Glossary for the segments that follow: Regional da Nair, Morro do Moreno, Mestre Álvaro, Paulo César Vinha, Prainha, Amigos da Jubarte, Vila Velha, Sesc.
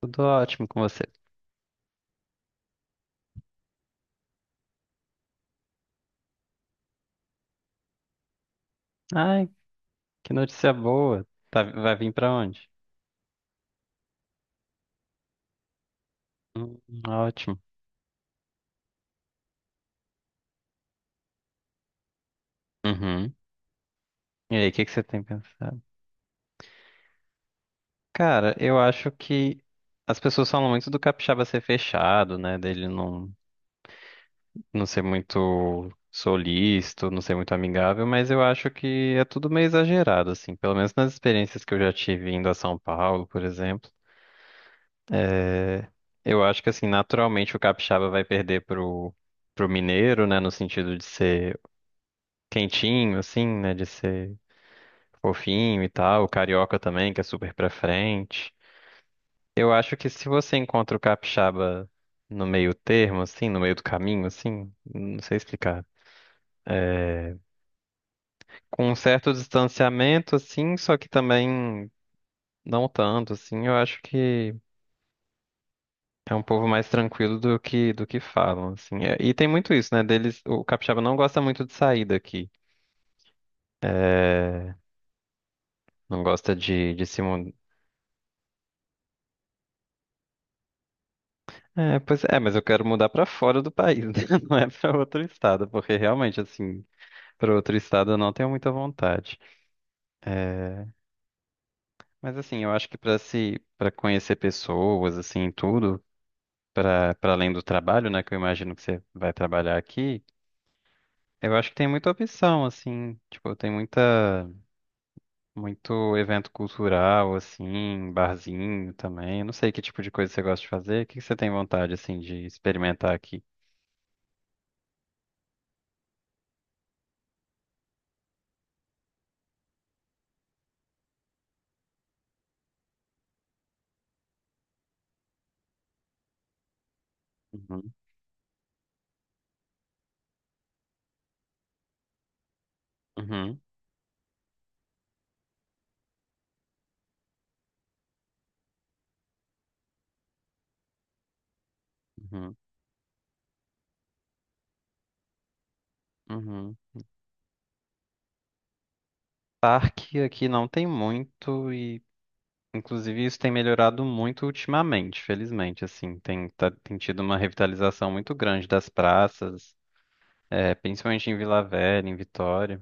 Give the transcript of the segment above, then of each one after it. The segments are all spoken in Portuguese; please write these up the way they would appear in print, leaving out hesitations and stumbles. Tudo ótimo com você. Ai, que notícia boa. Vai vir pra onde? Hum, ótimo. Uhum. E aí, o que que você tem pensado? Cara, eu acho que as pessoas falam muito do capixaba ser fechado, né? Dele não, não ser muito solícito, não ser muito amigável, mas eu acho que é tudo meio exagerado, assim. Pelo menos nas experiências que eu já tive indo a São Paulo, por exemplo. Eu acho que, assim, naturalmente o capixaba vai perder pro mineiro, né? No sentido de ser quentinho, assim, né? De ser fofinho e tal. O carioca também, que é super pra frente. Eu acho que se você encontra o capixaba no meio termo, assim, no meio do caminho, assim, não sei explicar. Com um certo distanciamento, assim, só que também não tanto, assim, eu acho que é um povo mais tranquilo do que falam, assim. E tem muito isso, né? Deles, o capixaba não gosta muito de sair daqui. É, não gosta de se, pois é, mas eu quero mudar pra fora do país, né? Não é pra outro estado, porque realmente, assim, pra outro estado eu não tenho muita vontade. É, mas assim, eu acho que pra se, para conhecer pessoas, assim, tudo, pra para além do trabalho, né, que eu imagino que você vai trabalhar aqui, eu acho que tem muita opção, assim, tipo, tem muita muito evento cultural, assim, barzinho também. Eu não sei que tipo de coisa você gosta de fazer. O que que você tem vontade, assim, de experimentar aqui? Uhum, uhum, uhum, uhum. Parque aqui não tem muito e, inclusive, isso tem melhorado muito ultimamente, felizmente, assim, tem tido uma revitalização muito grande das praças, principalmente em Vila Velha, em Vitória.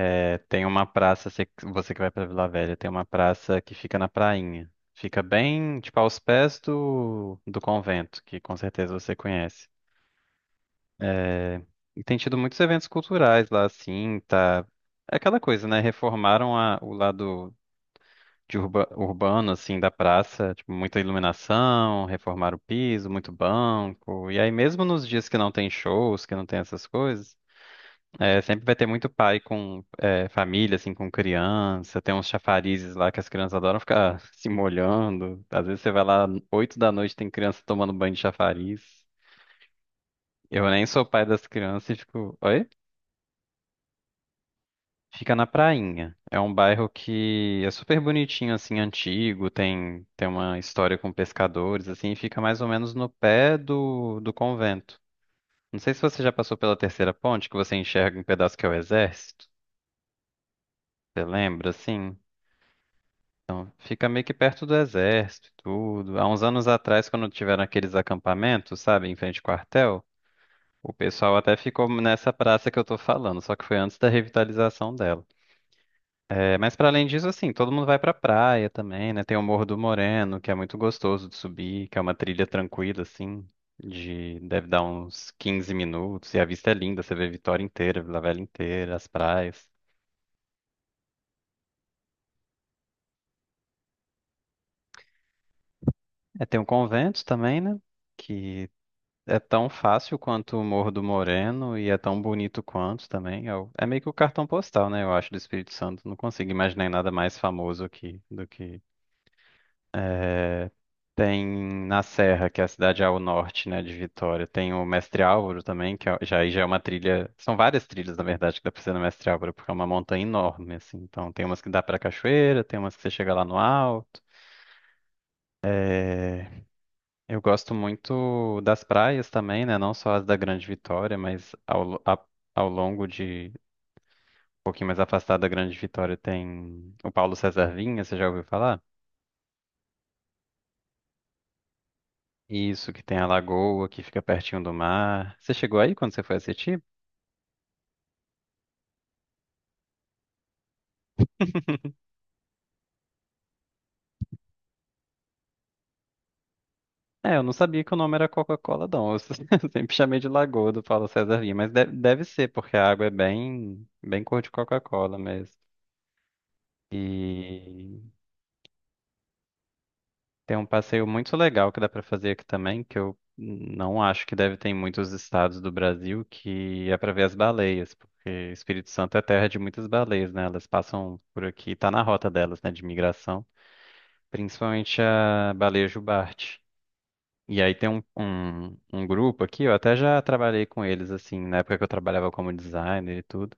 Tem uma praça, você que vai pra Vila Velha, tem uma praça que fica na Prainha. Fica bem, tipo, aos pés do convento, que com certeza você conhece. E tem tido muitos eventos culturais lá, assim, tá... É aquela coisa, né? Reformaram o lado de urbano, assim, da praça, tipo, muita iluminação, reformar o piso, muito banco. E aí, mesmo nos dias que não tem shows, que não tem essas coisas, sempre vai ter muito pai com família, assim, com criança. Tem uns chafarizes lá que as crianças adoram ficar se molhando. Às vezes você vai lá, 8 da noite, tem criança tomando banho de chafariz. Eu nem sou pai das crianças e fico. "Oi?" Fica na Prainha. É um bairro que é super bonitinho, assim, antigo, tem uma história com pescadores, assim, e fica mais ou menos no pé do convento. Não sei se você já passou pela terceira ponte, que você enxerga um pedaço que é o exército. Você lembra, assim? Então, fica meio que perto do exército e tudo. Há uns anos atrás, quando tiveram aqueles acampamentos, sabe, em frente ao quartel, o pessoal até ficou nessa praça que eu tô falando, só que foi antes da revitalização dela. Mas para além disso, assim, todo mundo vai pra praia também, né? Tem o Morro do Moreno, que é muito gostoso de subir, que é uma trilha tranquila, assim, de deve dar uns 15 minutos, e a vista é linda, você vê Vitória inteira, Vila Velha inteira, as praias. Tem o convento também, né? Que é tão fácil quanto o Morro do Moreno e é tão bonito quanto também. É meio que o cartão postal, né? Eu acho, do Espírito Santo. Não consigo imaginar nada mais famoso aqui do que. Tem na Serra, que é a cidade ao norte, né, de Vitória. Tem o Mestre Álvaro também, que já, aí já é uma trilha. São várias trilhas, na verdade, que dá pra ser no Mestre Álvaro, porque é uma montanha enorme, assim. Então tem umas que dá pra cachoeira, tem umas que você chega lá no alto. Eu gosto muito das praias também, né? Não só as da Grande Vitória, mas ao longo de. Um pouquinho mais afastado da Grande Vitória tem o Paulo César Vinha, você já ouviu falar? Isso, que tem a lagoa que fica pertinho do mar. Você chegou aí quando você foi assistir? Eu não sabia que o nome era Coca-Cola, não. Eu se- Eu sempre chamei de Lagoa do Paulo César Lima, mas deve ser, porque a água é bem, bem cor de Coca-Cola mesmo. E tem um passeio muito legal que dá pra fazer aqui também, que eu não acho que deve ter em muitos estados do Brasil, que é pra ver as baleias, porque Espírito Santo é terra de muitas baleias, né? Elas passam por aqui, tá na rota delas, né, de migração, principalmente a baleia jubarte. E aí tem um grupo aqui, eu até já trabalhei com eles, assim, na época que eu trabalhava como designer e tudo.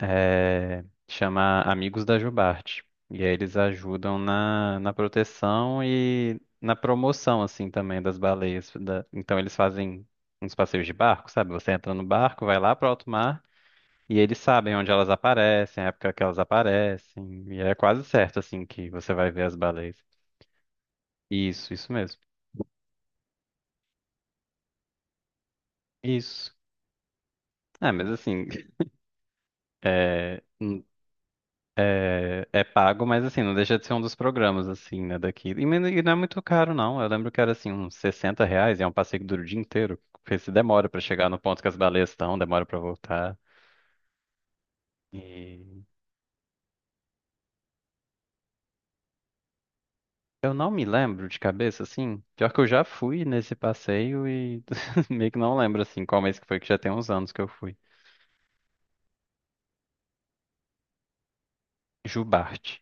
Chama Amigos da Jubarte. E aí eles ajudam na proteção e na promoção, assim, também das baleias. Então eles fazem uns passeios de barco, sabe? Você entra no barco, vai lá pro alto mar e eles sabem onde elas aparecem, a época que elas aparecem. E é quase certo, assim, que você vai ver as baleias. Isso mesmo. Isso. Mas assim, é pago, mas assim, não deixa de ser um dos programas, assim, né, daqui. E não é muito caro, não. Eu lembro que era, assim, uns R$ 60 e é um passeio que dura o dia inteiro. Porque se demora pra chegar no ponto que as baleias estão, demora pra voltar. E eu não me lembro de cabeça, assim. Pior que eu já fui nesse passeio e meio que não lembro, assim, qual mês que foi, que já tem uns anos que eu fui. Jubarte.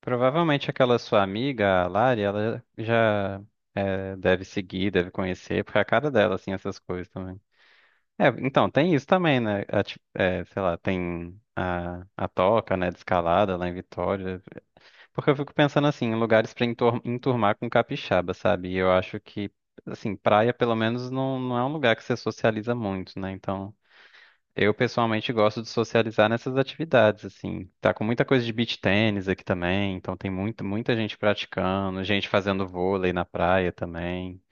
Provavelmente aquela sua amiga, a Lari, ela já deve seguir, deve conhecer, porque é a cara dela, assim, essas coisas também. Então, tem isso também, né? Sei lá, tem a toca, né, de escalada lá em Vitória. Porque eu fico pensando assim, em lugares pra enturmar com capixaba, sabe? E eu acho que, assim, praia pelo menos não, não é um lugar que você socializa muito, né? Então, eu pessoalmente gosto de socializar nessas atividades, assim. Tá com muita coisa de beach tênis aqui também, então tem muita gente praticando, gente fazendo vôlei na praia também.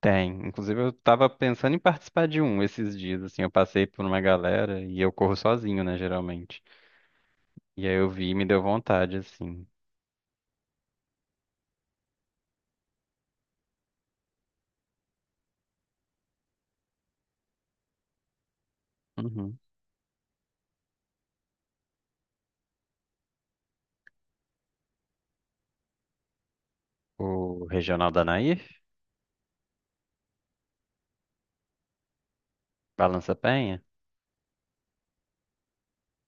Tem. Inclusive, eu tava pensando em participar de um esses dias, assim. Eu passei por uma galera e eu corro sozinho, né, geralmente. E aí eu vi e me deu vontade, assim. Uhum. O Regional da Nair? Balança Penha?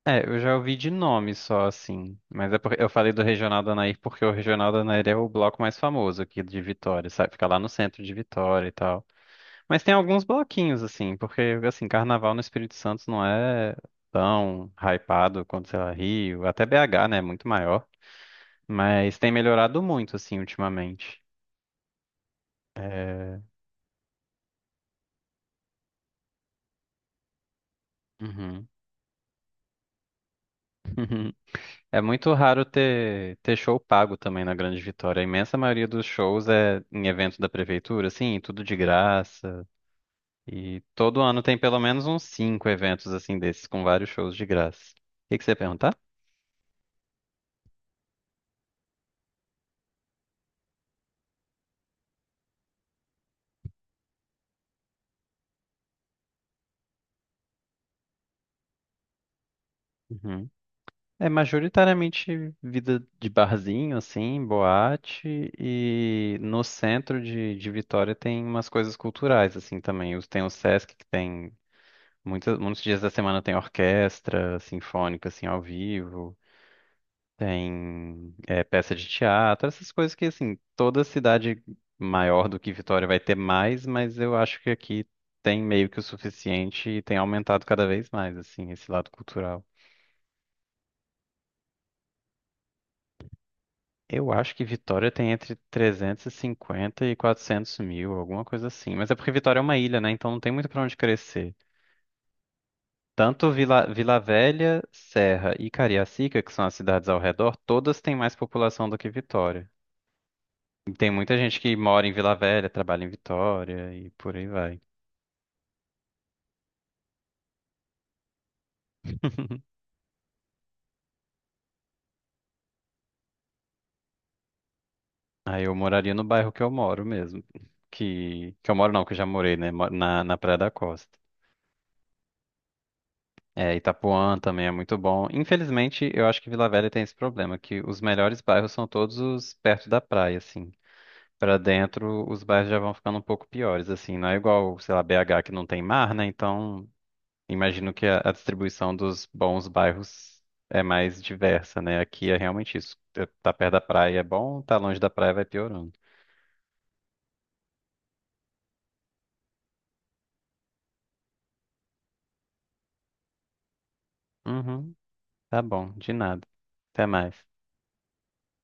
É, eu já ouvi de nome só, assim. Mas é porque eu falei do Regional da Nair porque o Regional da Nair é o bloco mais famoso aqui de Vitória, sabe? Fica lá no centro de Vitória e tal. Mas tem alguns bloquinhos, assim, porque, assim, carnaval no Espírito Santo não é tão hypado quanto, sei lá, Rio, até BH, né, é muito maior, mas tem melhorado muito, assim, ultimamente. É... Uhum. É muito raro ter show pago também na Grande Vitória. A imensa maioria dos shows é em evento da prefeitura, assim, tudo de graça. E todo ano tem pelo menos uns 5 eventos assim desses, com vários shows de graça. O que que você ia perguntar? Uhum. É majoritariamente vida de barzinho, assim, boate, e no centro de Vitória tem umas coisas culturais, assim, também. Tem o Sesc, que tem muitos dias da semana tem orquestra sinfônica, assim, ao vivo, tem peça de teatro, essas coisas que, assim, toda cidade maior do que Vitória vai ter mais, mas eu acho que aqui tem meio que o suficiente e tem aumentado cada vez mais, assim, esse lado cultural. Eu acho que Vitória tem entre 350 e 400 mil, alguma coisa assim. Mas é porque Vitória é uma ilha, né? Então não tem muito pra onde crescer. Tanto Vila Velha, Serra e Cariacica, que são as cidades ao redor, todas têm mais população do que Vitória. E tem muita gente que mora em Vila Velha, trabalha em Vitória e por aí vai. Aí eu moraria no bairro que eu moro mesmo. Que eu moro não, que eu já morei, né? Moro na Praia da Costa. É, Itapuã também é muito bom. Infelizmente, eu acho que Vila Velha tem esse problema, que os melhores bairros são todos os perto da praia, assim. Pra dentro, os bairros já vão ficando um pouco piores, assim. Não é igual, sei lá, BH que não tem mar, né? Então, imagino que a distribuição dos bons bairros é mais diversa, né? Aqui é realmente isso. Tá perto da praia é bom, tá longe da praia vai piorando. Uhum, tá bom, de nada. Até mais.